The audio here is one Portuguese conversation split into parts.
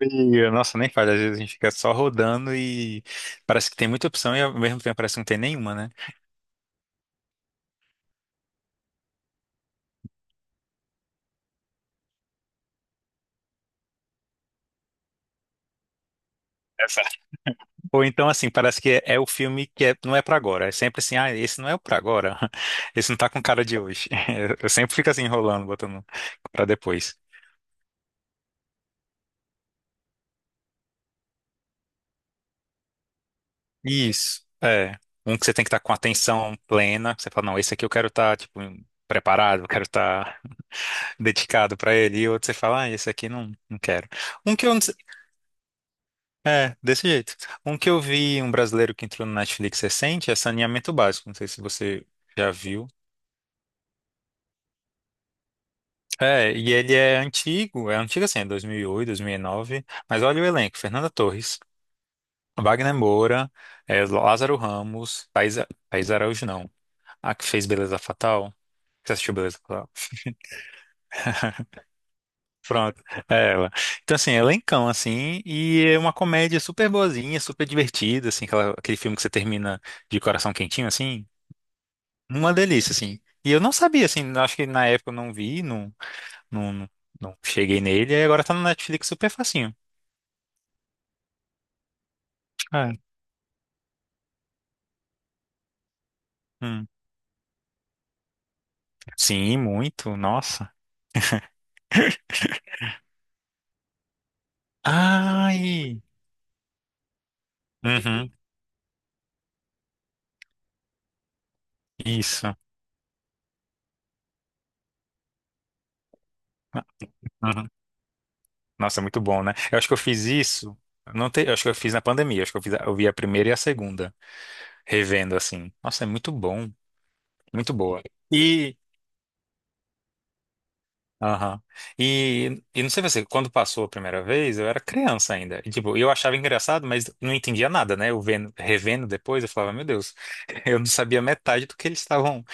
E, nossa, nem faz. Às vezes a gente fica só rodando e parece que tem muita opção e ao mesmo tempo parece que não tem nenhuma, né? Exato. Ou então, assim, parece que é o filme não é pra agora. É sempre assim, ah, esse não é o pra agora. Esse não tá com cara de hoje. Eu sempre fico assim enrolando, botando pra depois. Isso, é. Um que você tem que estar com atenção plena, que você fala, não, esse aqui eu quero estar, tipo, preparado, eu quero estar dedicado pra ele. E outro você fala, ah, esse aqui não, não quero. Um que eu não. É, desse jeito. Um que eu vi, um brasileiro que entrou no Netflix recente, é Saneamento Básico. Não sei se você já viu. É, e ele é antigo assim, é 2008, 2009. Mas olha o elenco: Fernanda Torres, Wagner Moura, Lázaro Ramos, Thaís Araújo, não. A que fez Beleza Fatal. Você assistiu Beleza Fatal? Pronto, é ela. Então, assim, elencão, assim, e é uma comédia super boazinha, super divertida, assim, aquele filme que você termina de coração quentinho, assim. Uma delícia, assim. E eu não sabia, assim, acho que na época eu não vi, não, não, não não cheguei nele, e agora tá no Netflix super facinho. Ah, hum. Sim, muito, nossa. Ai! Uhum, isso. Uhum. Nossa, é muito bom, né? Eu acho que eu fiz isso. Eu não te— Eu acho que eu fiz na pandemia. Eu acho que eu fiz— eu vi a primeira e a segunda, revendo assim. Nossa, é muito bom, muito boa. E, aham. E não sei você, quando passou a primeira vez, eu era criança ainda. E, tipo, eu achava engraçado, mas não entendia nada, né? Eu vendo, revendo depois, eu falava, meu Deus, eu não sabia metade do que eles estavam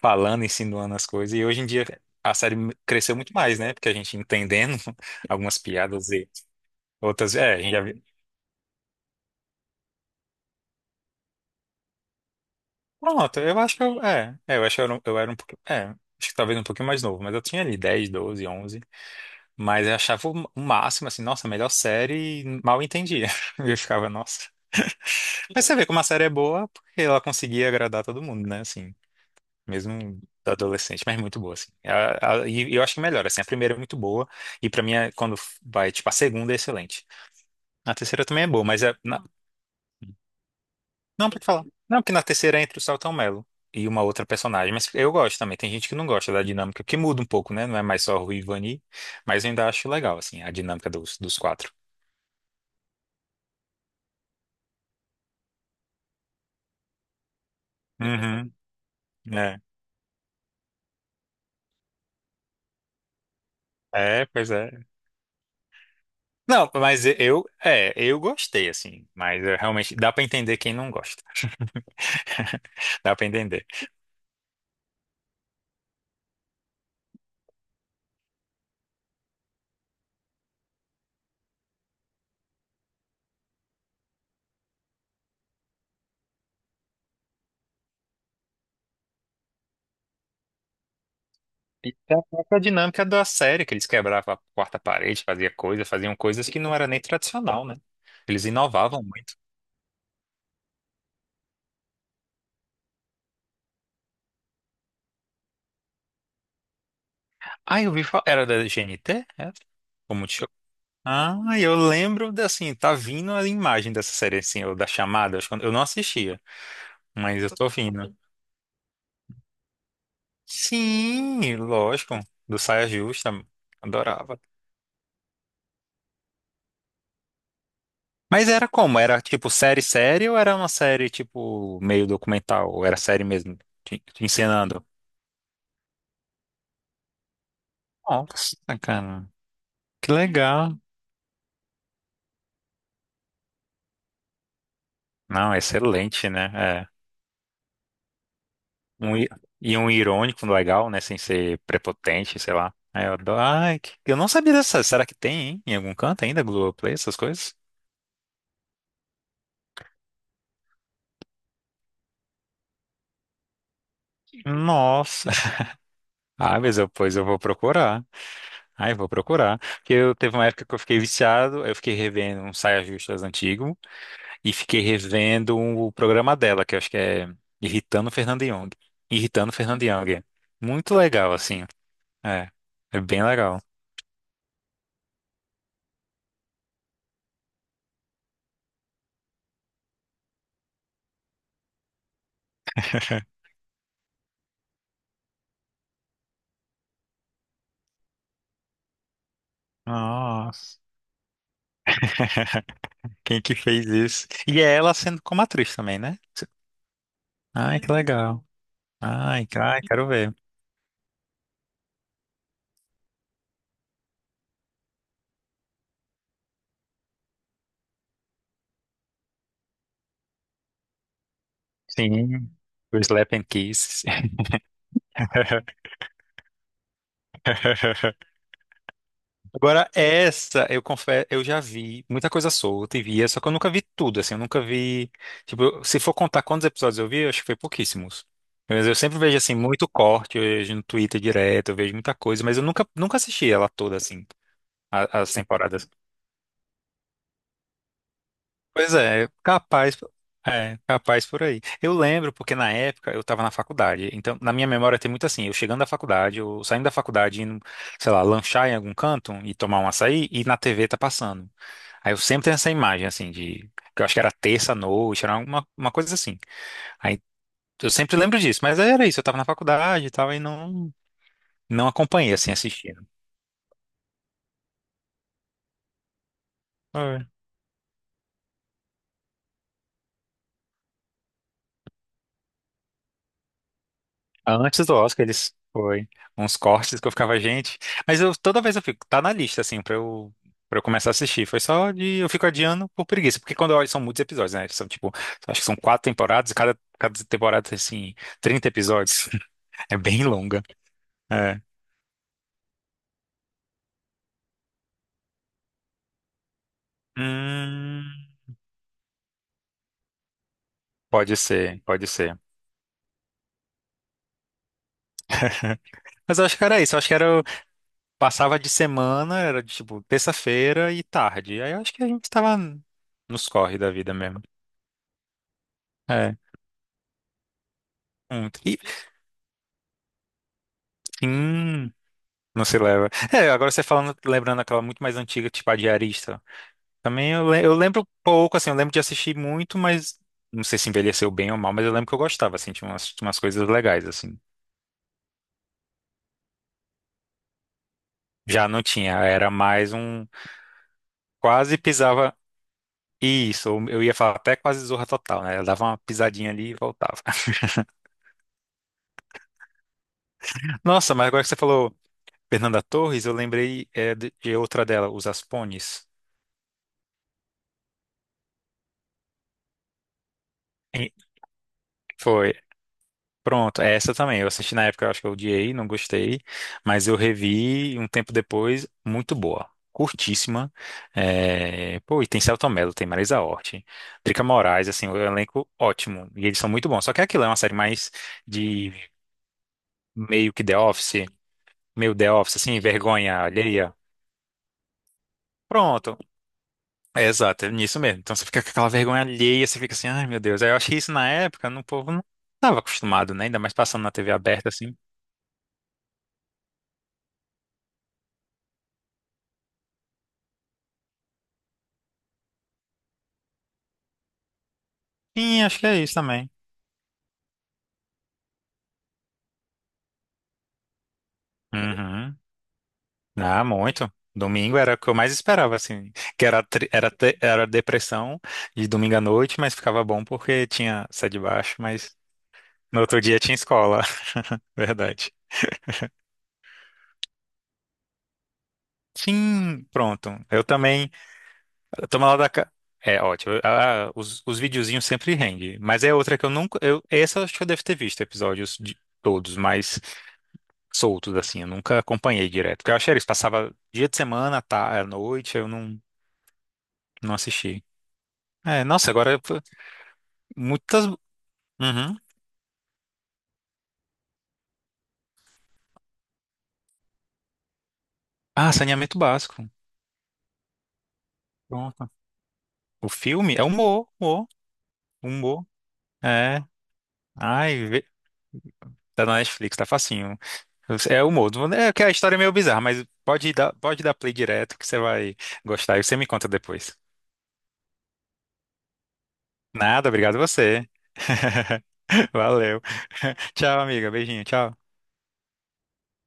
falando, insinuando as coisas. E hoje em dia a série cresceu muito mais, né? Porque a gente entendendo algumas piadas e outras. É, a gente já vi- pronto, eu acho que eu. É, eu acho que eu era, eu era um pouquinho. É, acho que talvez um pouquinho mais novo, mas eu tinha ali 10, 12, 11. Mas eu achava o máximo, assim, nossa, a melhor série, e mal entendia. Eu ficava, nossa. Mas você vê como a série é boa, porque ela conseguia agradar todo mundo, né, assim, mesmo adolescente, mas muito boa, assim. E eu acho que melhor, assim, a primeira é muito boa, e pra mim, quando vai, tipo, a segunda é excelente. A terceira também é boa, mas é. Não, pode falar. Não, porque na terceira é entre o Saltão Mello e uma outra personagem, mas eu gosto também. Tem gente que não gosta da dinâmica, que muda um pouco, né, não é mais só Rui e Vani, mas eu ainda acho legal, assim, a dinâmica dos quatro. Uhum. É. É, pois é. Não, mas eu gostei, assim. Mas eu realmente dá pra entender quem não gosta. Dá pra entender. E a própria dinâmica da série, que eles quebravam a quarta parede, faziam coisas que não era nem tradicional, né? Eles inovavam muito. Ah, eu vi, era da GNT? É? O Multishow? Ah, eu lembro, de, assim, tá vindo a imagem dessa série, assim, ou da chamada, acho que eu não assistia, mas eu tô vindo. Sim, lógico. Do Saia Justa. Adorava. Mas era como? Era tipo série série ou era uma série tipo meio documental? Ou era série mesmo? Te ensinando? Nossa, cara. Que legal. Não, excelente, né? É. Um, e um irônico legal, né? Sem ser prepotente, sei lá. Aí eu adoro. Ai, eu não sabia dessa. Será que tem, hein? Em algum canto ainda? Globoplay, essas coisas? Nossa. Ah, pois eu vou procurar. Ai, vou procurar. Porque eu teve uma época que eu fiquei viciado, aí eu fiquei revendo um Saia Justas antigo e fiquei revendo o programa dela, que eu acho que é Irritando Fernando Young. Irritando Fernando Young. Muito legal, assim. É. É bem legal. Nossa. Quem que fez isso? E é ela sendo como atriz também, né? Ai, que legal. Ai, ai, quero ver. Sim. O Slap and Kiss. Agora, essa, eu confesso, eu já vi muita coisa solta e via, só que eu nunca vi tudo, assim, eu nunca vi. Tipo, se for contar quantos episódios eu vi, eu acho que foi pouquíssimos. Mas eu sempre vejo, assim, muito corte, eu vejo no Twitter direto, eu vejo muita coisa, mas eu nunca, nunca assisti ela toda, assim, as temporadas. Pois é, capaz, capaz por aí. Eu lembro porque na época eu estava na faculdade, então na minha memória tem muito assim, eu chegando da faculdade, eu saindo da faculdade, indo, sei lá, lanchar em algum canto e tomar um açaí e na TV tá passando. Aí eu sempre tenho essa imagem assim de, que eu acho que era terça noite, era uma coisa assim. Aí eu sempre lembro disso, mas era isso, eu estava na faculdade e tal e não acompanhei assim assistindo. Antes do Oscar, eles foi uns cortes que eu ficava, gente. Mas eu toda vez eu fico, tá na lista, assim, pra eu começar a assistir. Foi só de. Eu fico adiando por preguiça. Porque quando eu olho, são muitos episódios, né? São tipo, acho que são quatro temporadas, e cada temporada tem assim, 30 episódios. É bem longa. É. Hum, pode ser, pode ser. Mas eu acho que era isso. Eu acho que era. Eu passava de semana, era de, tipo terça-feira e tarde. Aí eu acho que a gente tava nos corre da vida mesmo. É. E, sim. Não se leva. É, agora você falando, lembrando aquela muito mais antiga, tipo a Diarista. Também eu lembro pouco, assim, eu lembro de assistir muito, mas não sei se envelheceu bem ou mal, mas eu lembro que eu gostava, assim, tinha umas coisas legais, assim. Já não tinha, era mais um. Quase pisava. Isso, ou eu ia falar até quase Zorra Total, né? Eu dava uma pisadinha ali e voltava. Nossa, mas agora que você falou Fernanda Torres, eu lembrei de outra dela, Os Aspones. E- Foi. Pronto, é essa também. Eu assisti na época, eu acho que eu odiei, não gostei, mas eu revi um tempo depois, muito boa. Curtíssima. É, pô, e tem Selton Mello, tem Marisa Hort, Drica Moraes, assim, o elenco ótimo. E eles são muito bons. Só que é aquilo é uma série mais de meio que The Office, meio The Office, assim, vergonha alheia. Pronto. É, exato, é nisso mesmo. Então você fica com aquela vergonha alheia, você fica assim, ai meu Deus. Aí eu achei isso na época, no povo não estava acostumado, né? Ainda mais passando na TV aberta, assim. Sim, acho que é isso também. Uhum. Ah, muito. Domingo era o que eu mais esperava, assim. Que era, era depressão de domingo à noite, mas ficava bom porque tinha sede de baixo, mas no outro dia tinha escola. Verdade. Sim, pronto. Eu também. Eu tô mal da. É ótimo. Ah, os videozinhos sempre rende. Mas é outra que eu nunca. Eu, essa eu acho que eu devo ter visto episódios de todos, mas soltos, assim. Eu nunca acompanhei direto. Porque eu achei eles passava dia de semana, tá, à noite, eu não, não assisti. É, nossa, agora muitas. Uhum. Ah, saneamento básico. Pronto. O filme é humor, humor, humor. É. Ai, tá na Netflix, tá facinho. É humor. É que a história é meio bizarra, mas pode dar play direto que você vai gostar e você me conta depois. Nada, obrigado você. Valeu. Tchau, amiga. Beijinho, tchau.